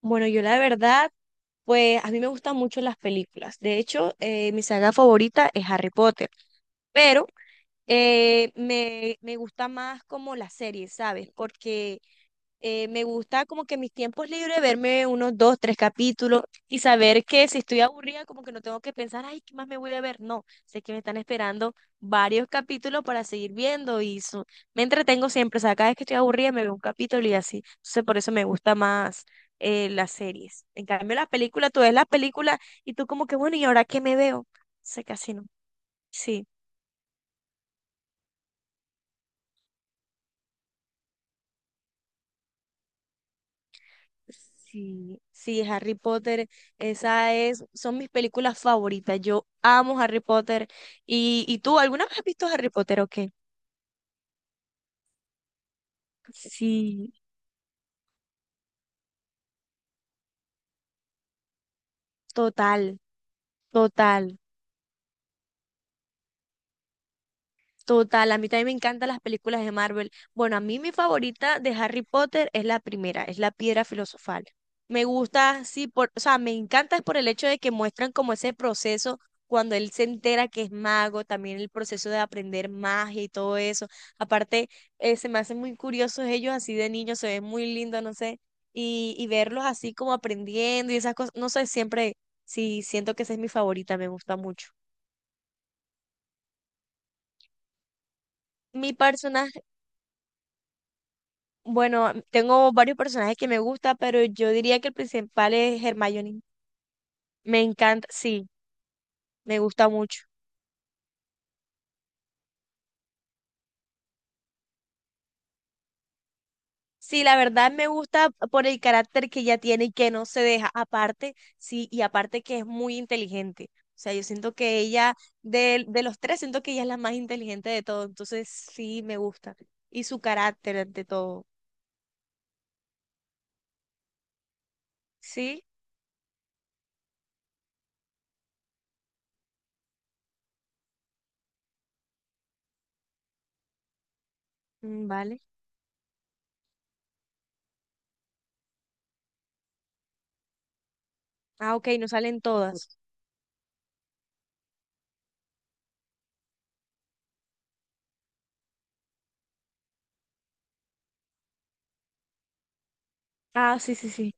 Bueno, yo la verdad, pues a mí me gustan mucho las películas. De hecho, mi saga favorita es Harry Potter, pero me gusta más como las series, ¿sabes? Porque me gusta como que mis tiempos libres verme unos dos, tres capítulos y saber que si estoy aburrida como que no tengo que pensar, ay, ¿qué más me voy a ver? No, sé que me están esperando varios capítulos para seguir viendo y me entretengo siempre, o sea, cada vez que estoy aburrida me veo un capítulo y así. Entonces por eso me gusta más las series. En cambio, las películas, tú ves las películas y tú como que, bueno, ¿y ahora qué me veo? Sé casi no. Sí. Sí, sí, Harry Potter, esa es, son mis películas favoritas. Yo amo Harry Potter. ¿Y tú, alguna vez has visto Harry Potter o qué? Sí, total, total. Total, a mí también me encantan las películas de Marvel. Bueno, a mí mi favorita de Harry Potter es la primera, es la Piedra Filosofal. Me gusta, sí, por, o sea, me encanta por el hecho de que muestran como ese proceso cuando él se entera que es mago, también el proceso de aprender magia y todo eso. Aparte, se me hacen muy curiosos ellos así de niños, se ven muy lindos, no sé, y verlos así como aprendiendo y esas cosas, no sé, siempre, sí, siento que esa es mi favorita, me gusta mucho. Mi personaje Bueno, tengo varios personajes que me gusta, pero yo diría que el principal es Hermione. Me encanta, sí, me gusta mucho. Sí, la verdad me gusta por el carácter que ella tiene y que no se deja. Aparte, sí, y aparte que es muy inteligente. O sea, yo siento que ella, de los tres, siento que ella es la más inteligente de todos. Entonces, sí, me gusta. Y su carácter ante todo. Sí, mm, vale. Ah, ok, no salen todas. Ah, sí, sí, sí.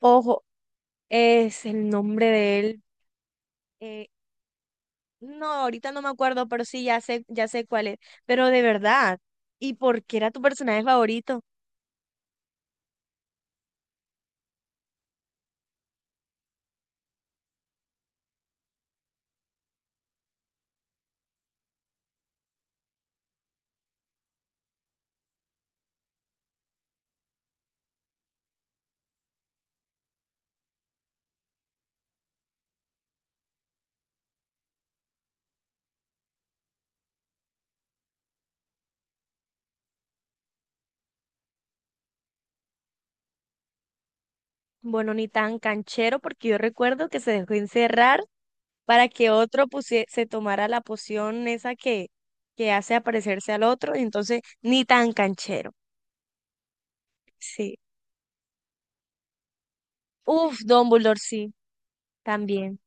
Ojo, es el nombre de él. eh, No, ahorita no me acuerdo, pero sí, ya sé cuál es. Pero de verdad, ¿y por qué era tu personaje favorito? Bueno, ni tan canchero, porque yo recuerdo que se dejó encerrar para que otro se tomara la poción esa que hace aparecerse al otro, y entonces ni tan canchero. Sí. Uf, Dumbledore, sí, también.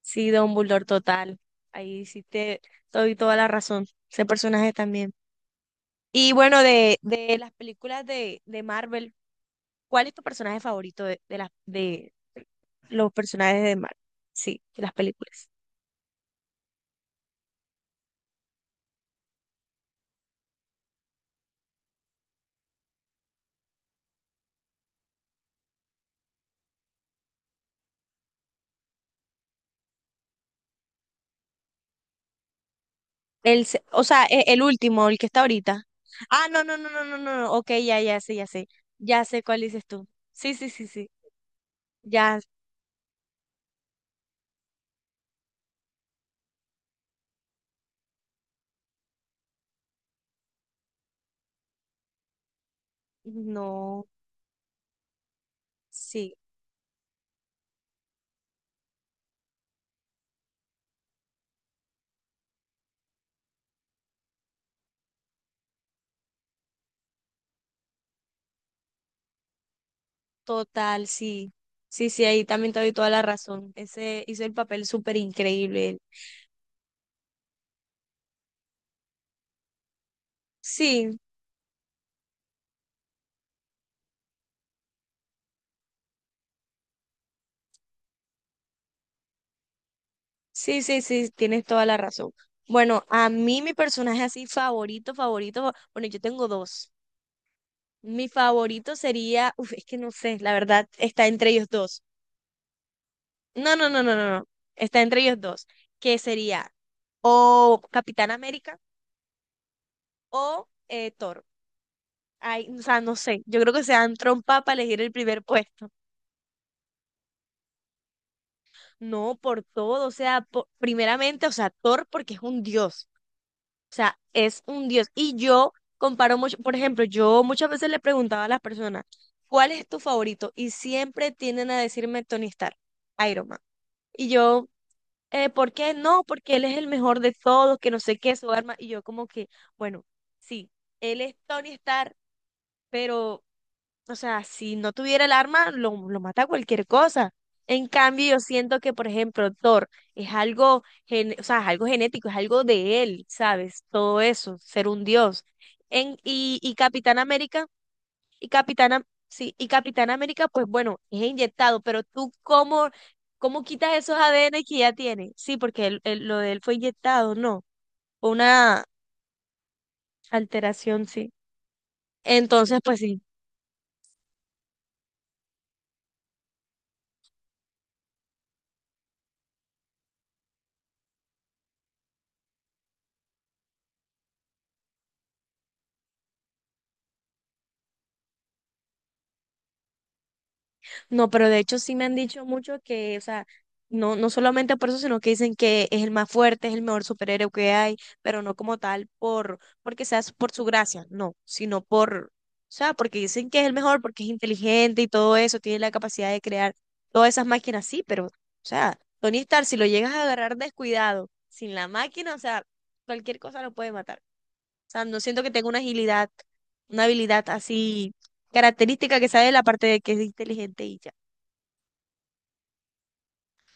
Sí, Dumbledore, total. Ahí sí te doy toda la razón. Ese personaje también. Y bueno, de las películas de Marvel. ¿Cuál es tu personaje favorito de los personajes de Marvel? Sí, de las películas. O sea, último, el que está ahorita. Ah, no, no, no, no, no, no, no, ok, ya, ya sé, ya sé. Ya sé cuál dices tú. Sí, sí, sí, sí. Ya, no, sí, total, sí. Sí, sí, ahí también te doy toda la razón. Ese hizo el papel súper increíble. Él. Sí, sí, sí, sí, tienes toda la razón. Bueno, a mí mi personaje así favorito, favorito, bueno, yo tengo dos. Mi favorito sería, uf, es que no sé, la verdad, está entre ellos dos. No, no, no, no, no, no. Está entre ellos dos, que sería o Capitán América o Thor. Ay, o sea, no sé, yo creo que se dan trompa para elegir el primer puesto. No, por todo, o sea, primeramente, o sea, Thor porque es un dios, o sea, es un dios. Y yo comparo mucho, por ejemplo, yo muchas veces le preguntaba a las personas, ¿cuál es tu favorito? Y siempre tienden a decirme Tony Stark, Iron Man. Y yo, ¿por qué no? Porque él es el mejor de todos, que no sé qué, su arma. Y yo como que, bueno, sí, él es Tony Stark, pero, o sea, si no tuviera el arma, lo mata cualquier cosa. En cambio, yo siento que, por ejemplo, Thor es algo, o sea, es algo genético, es algo de él, ¿sabes? Todo eso, ser un dios. Y Capitán América y sí, y Capitán América, pues bueno, es inyectado, pero tú cómo, cómo quitas esos ADN que ya tiene. Sí, porque lo de él fue inyectado, no. Fue una alteración, sí. Entonces, pues sí. No, pero de hecho sí me han dicho mucho que, o sea, no, no solamente por eso, sino que dicen que es el más fuerte, es el mejor superhéroe que hay, pero no como tal por, porque sea su- por su gracia, no, sino por, o sea, porque dicen que es el mejor, porque es inteligente y todo eso, tiene la capacidad de crear todas esas máquinas, sí, pero, o sea, Tony Stark, si lo llegas a agarrar descuidado, sin la máquina, o sea, cualquier cosa lo puede matar. O sea, no siento que tenga una agilidad, una habilidad así característica que sabe la parte de que es inteligente y ya.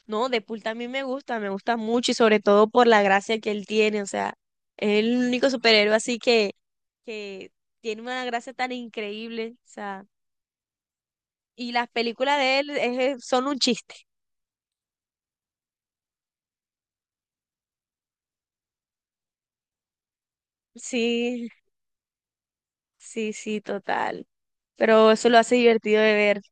No, Deadpool también me gusta mucho y sobre todo por la gracia que él tiene, o sea, es el único superhéroe así que tiene una gracia tan increíble, o sea, y las películas de él son un chiste. Sí, sí, sí, total, pero eso lo hace divertido de ver, o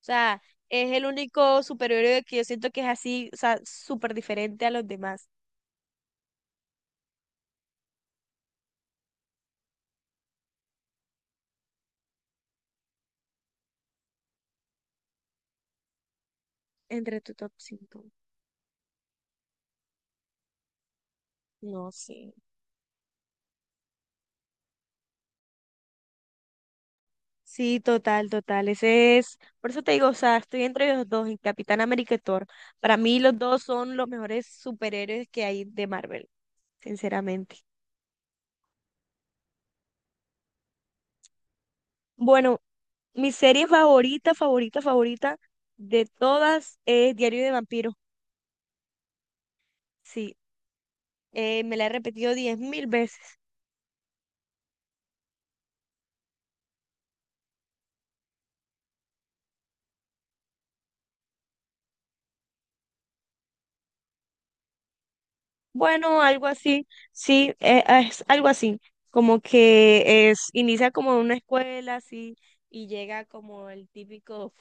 sea, es el único superhéroe que yo siento que es así, o sea, súper diferente a los demás. Entre tu top 5 no sé. Sí, total, total. Ese es, por eso te digo, o sea, estoy entre los dos, en Capitán América y Thor. Para mí los dos son los mejores superhéroes que hay de Marvel, sinceramente. Bueno, mi serie favorita, favorita, favorita de todas es Diario de Vampiros. Sí, me la he repetido 10.000 veces. Bueno, algo así, sí, es algo así, como que es, inicia como en una escuela, así, y llega como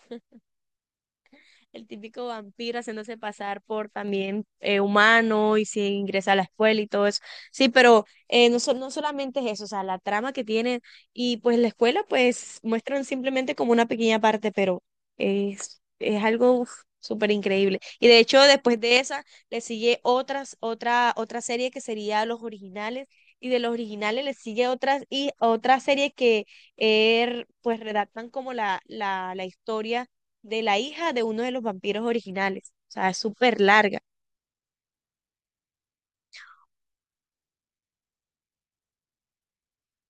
el típico vampiro haciéndose pasar por también humano y se ingresa a la escuela y todo eso. Sí, pero no, no solamente es eso, o sea, la trama que tiene y pues la escuela pues muestran simplemente como una pequeña parte, pero es algo uf, súper increíble. Y de hecho después de esa le sigue otra serie que sería Los Originales. Y de los originales le sigue otra serie que er pues redactan como la historia de la hija de uno de los vampiros originales. O sea, es súper larga.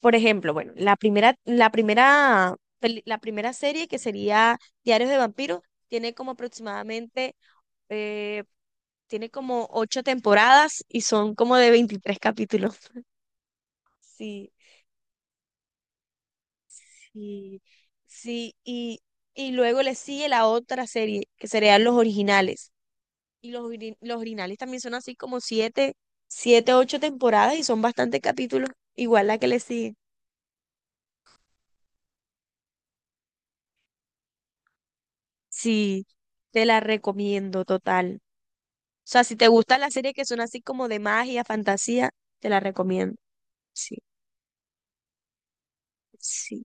Por ejemplo, bueno, la primera serie que sería Diarios de Vampiros tiene como aproximadamente, eh, tiene como 8 temporadas y son como de 23 capítulos. Sí, sí, sí. Y luego le sigue la otra serie que serían los originales. Y los, los originales también son así como siete, 8 temporadas y son bastantes capítulos, igual la que le sigue. Sí, te la recomiendo total. O sea, si te gustan las series que son así como de magia, fantasía, te la recomiendo. Sí, sí.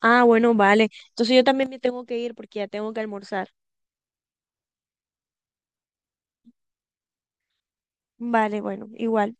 Ah, bueno, vale. Entonces yo también me tengo que ir porque ya tengo que almorzar. Vale, bueno, igual.